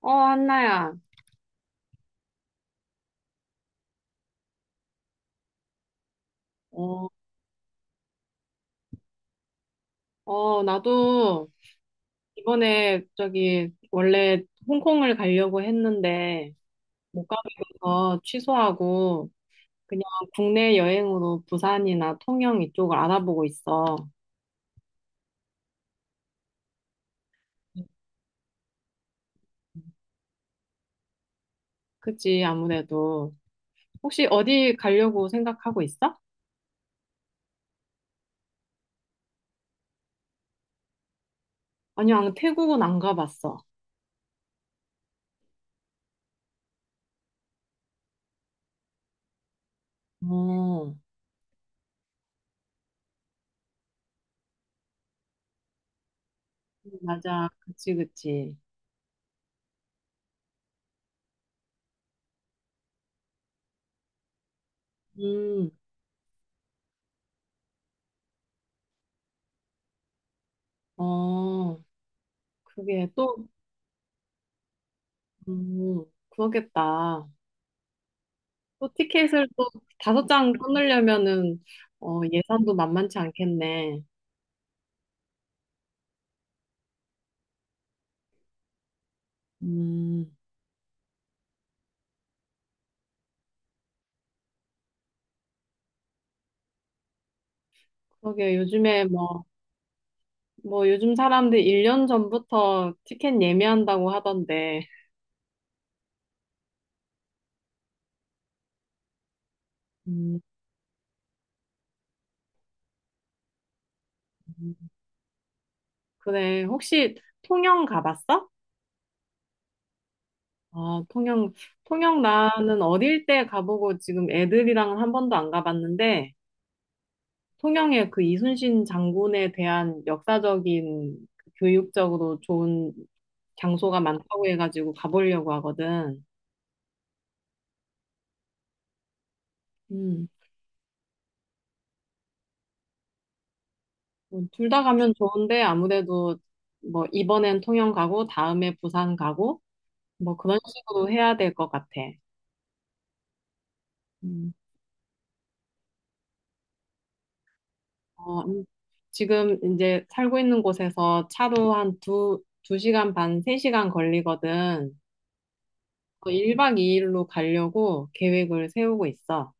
어, 한나야. 어, 나도 이번에 저기 원래 홍콩을 가려고 했는데 못 가게 돼서 취소하고 그냥 국내 여행으로 부산이나 통영 이쪽을 알아보고 있어. 그치, 아무래도. 혹시 어디 가려고 생각하고 있어? 아니, 안, 태국은 안 가봤어. 어, 맞아. 그치. 음, 어, 그게 또, 그러겠다. 또 티켓을 또 다섯 장 끊으려면은 어, 예산도 만만치 않겠네. 음, 그러게 요즘에 뭐 요즘 사람들 1년 전부터 티켓 예매한다고 하던데. 음. 그래, 혹시 통영 가봤어? 아, 통영 나는 어릴 때 가보고 지금 애들이랑 한 번도 안 가봤는데, 통영의 그 이순신 장군에 대한 역사적인 그 교육적으로 좋은 장소가 많다고 해가지고 가보려고 하거든. 음. 둘 다 가면 좋은데 아무래도 뭐 이번엔 통영 가고 다음에 부산 가고 뭐 그런 식으로 해야 될 것 같아. 음. 어, 지금 이제 살고 있는 곳에서 차로 한 두 시간 반, 세 시간 걸리거든. 그 일 1박 2일로 가려고 계획을 세우고 있어.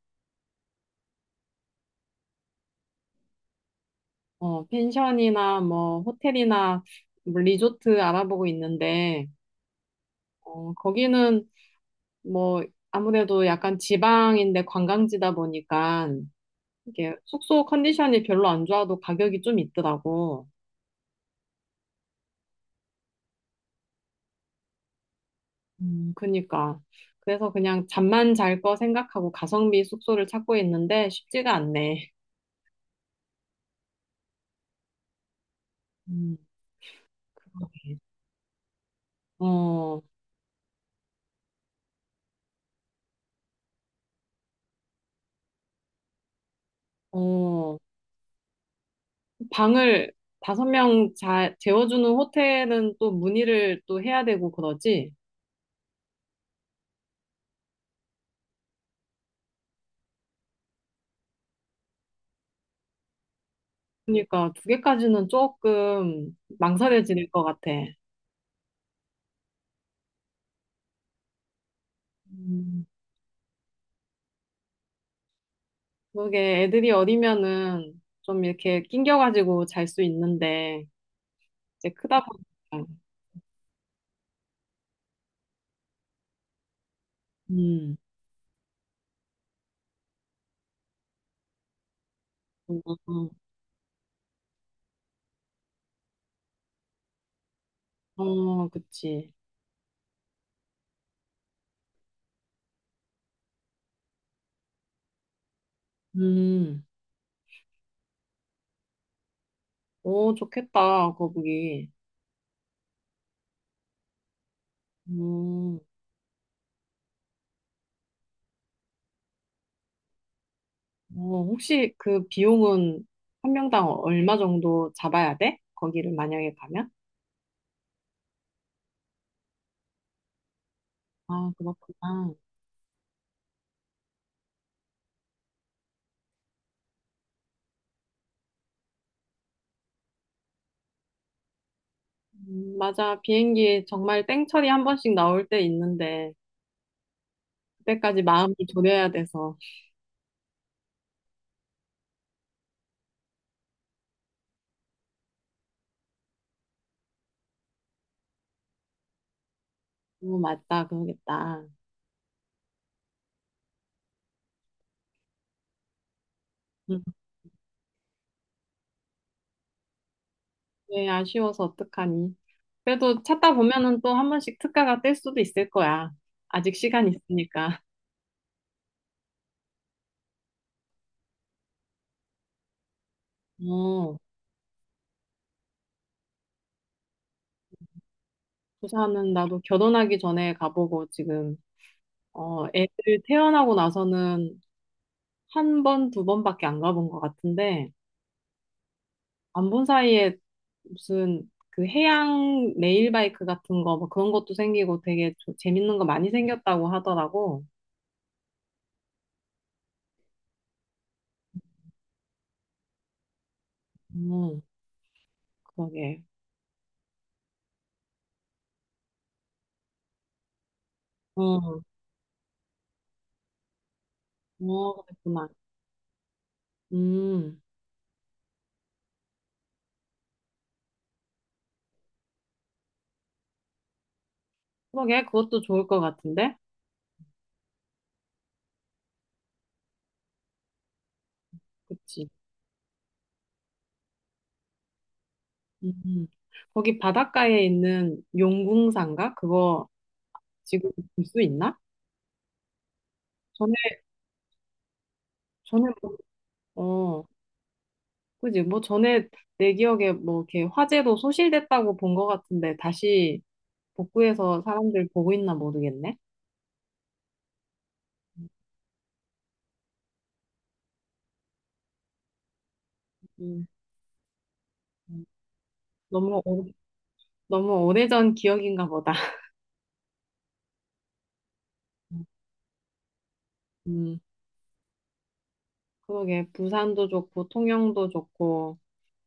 어, 펜션이나 뭐 호텔이나 뭐 리조트 알아보고 있는데, 어, 거기는 뭐 아무래도 약간 지방인데 관광지다 보니까 이게 숙소 컨디션이 별로 안 좋아도 가격이 좀 있더라고. 그니까. 그래서 그냥 잠만 잘 거 생각하고 가성비 숙소를 찾고 있는데 쉽지가 않네. 음. 어, 어, 방을 다섯 명 재워주는 호텔은 또 문의를 또 해야 되고 그러지? 그러니까 두 개까지는 조금 망설여질 것 같아. 음, 그게 애들이 어리면은 좀 이렇게 낑겨가지고 잘 수 있는데 이제 크다 보니까 음, 음, 음, 어, 그치. 음. 오, 좋겠다, 거북이. 음, 어, 혹시 그 비용은 한 명당 얼마 정도 잡아야 돼? 거기를 만약에 가면? 아, 그렇구나. 맞아. 비행기 정말 땡처리 한 번씩 나올 때 있는데 그때까지 마음을 졸여야 돼서 너무 맞다 그러겠다. 음, 네, 아쉬워서 어떡하니. 그래도 찾다 보면은 또 한 번씩 특가가 뜰 수도 있을 거야. 아직 시간 있으니까. 어, 부산은 나도 결혼하기 전에 가보고 지금 어, 애들 태어나고 나서는 한 번, 두 번밖에 안 가본 것 같은데 안 본 사이에 무슨 그 해양 레일바이크 같은 거 뭐 그런 것도 생기고 되게 재밌는 거 많이 생겼다고 하더라고. 음, 그러게. 어, 어, 그랬구나. 음, 그러게, 그것도 좋을 것 같은데? 그치. 음, 거기 바닷가에 있는 용궁산가? 그거 지금 볼 수 있나? 전에, 전에, 뭐- 어, 그지. 뭐 전에 내 기억에 뭐 이렇게 화재로 소실됐다고 본 것 같은데 다시 복구해서 사람들 보고 있나 모르겠네. 음, 음. 너무, 오- 너무 오래전 기억인가 보다. 음, 그러게. 부산도 좋고, 통영도 좋고,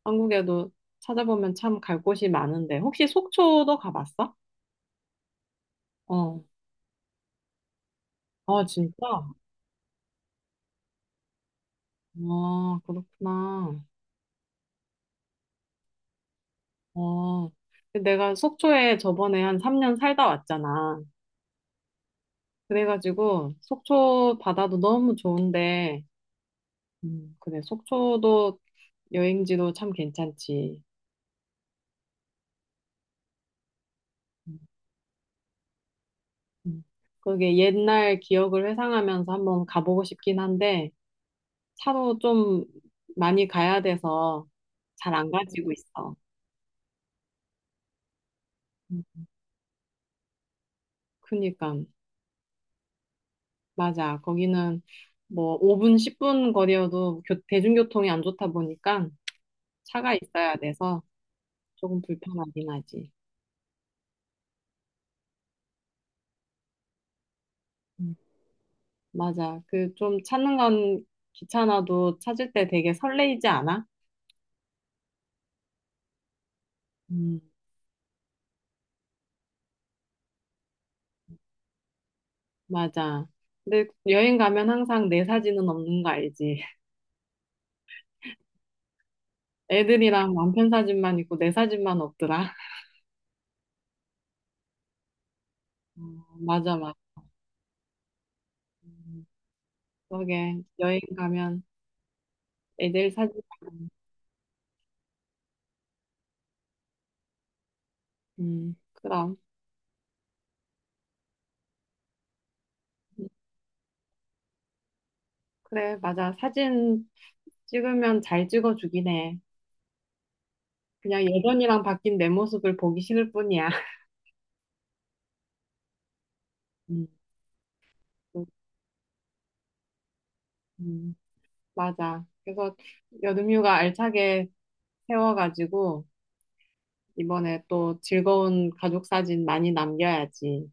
한국에도 찾아보면 참 갈 곳이 많은데. 혹시 속초도 가봤어? 어. 아, 진짜? 아, 그렇구나. 어. 근데 내가 속초에 저번에 한 3년 살다 왔잖아. 그래가지고 속초 바다도 너무 좋은데, 그래. 속초도 여행지도 참 괜찮지. 음, 음. 그게 옛날 기억을 회상하면서 한번 가보고 싶긴 한데, 차로 좀 많이 가야 돼서 잘 안 가지고 있어. 그니까 맞아. 거기는 뭐 5분, 10분 거리여도 대중교통이 안 좋다 보니까 차가 있어야 돼서 조금 불편하긴 하지. 음, 맞아. 그 좀 찾는 건 귀찮아도 찾을 때 되게 설레이지 않아? 음, 맞아. 근데 여행 가면 항상 내 사진은 없는 거 알지? 애들이랑 남편 사진만 있고 내 사진만 없더라. 어, 맞아. 음, 그러게 여행 가면 애들 사진, 그럼. 그래, 맞아. 사진 찍으면 잘 찍어주긴 해. 그냥 예전이랑 바뀐 내 모습을 보기 싫을 뿐이야. 음, 음, 맞아. 그래서 여름휴가 알차게 세워가지고 이번에 또 즐거운 가족 사진 많이 남겨야지.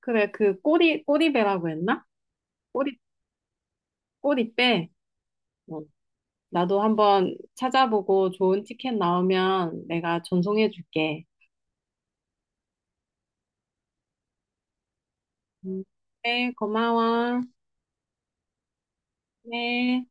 그래, 그 꼬리배라고 했나? 꼬리, 꼬리배? 어, 나도 한번 찾아보고 좋은 티켓 나오면 내가 전송해줄게. 음, 네, 고마워. 네.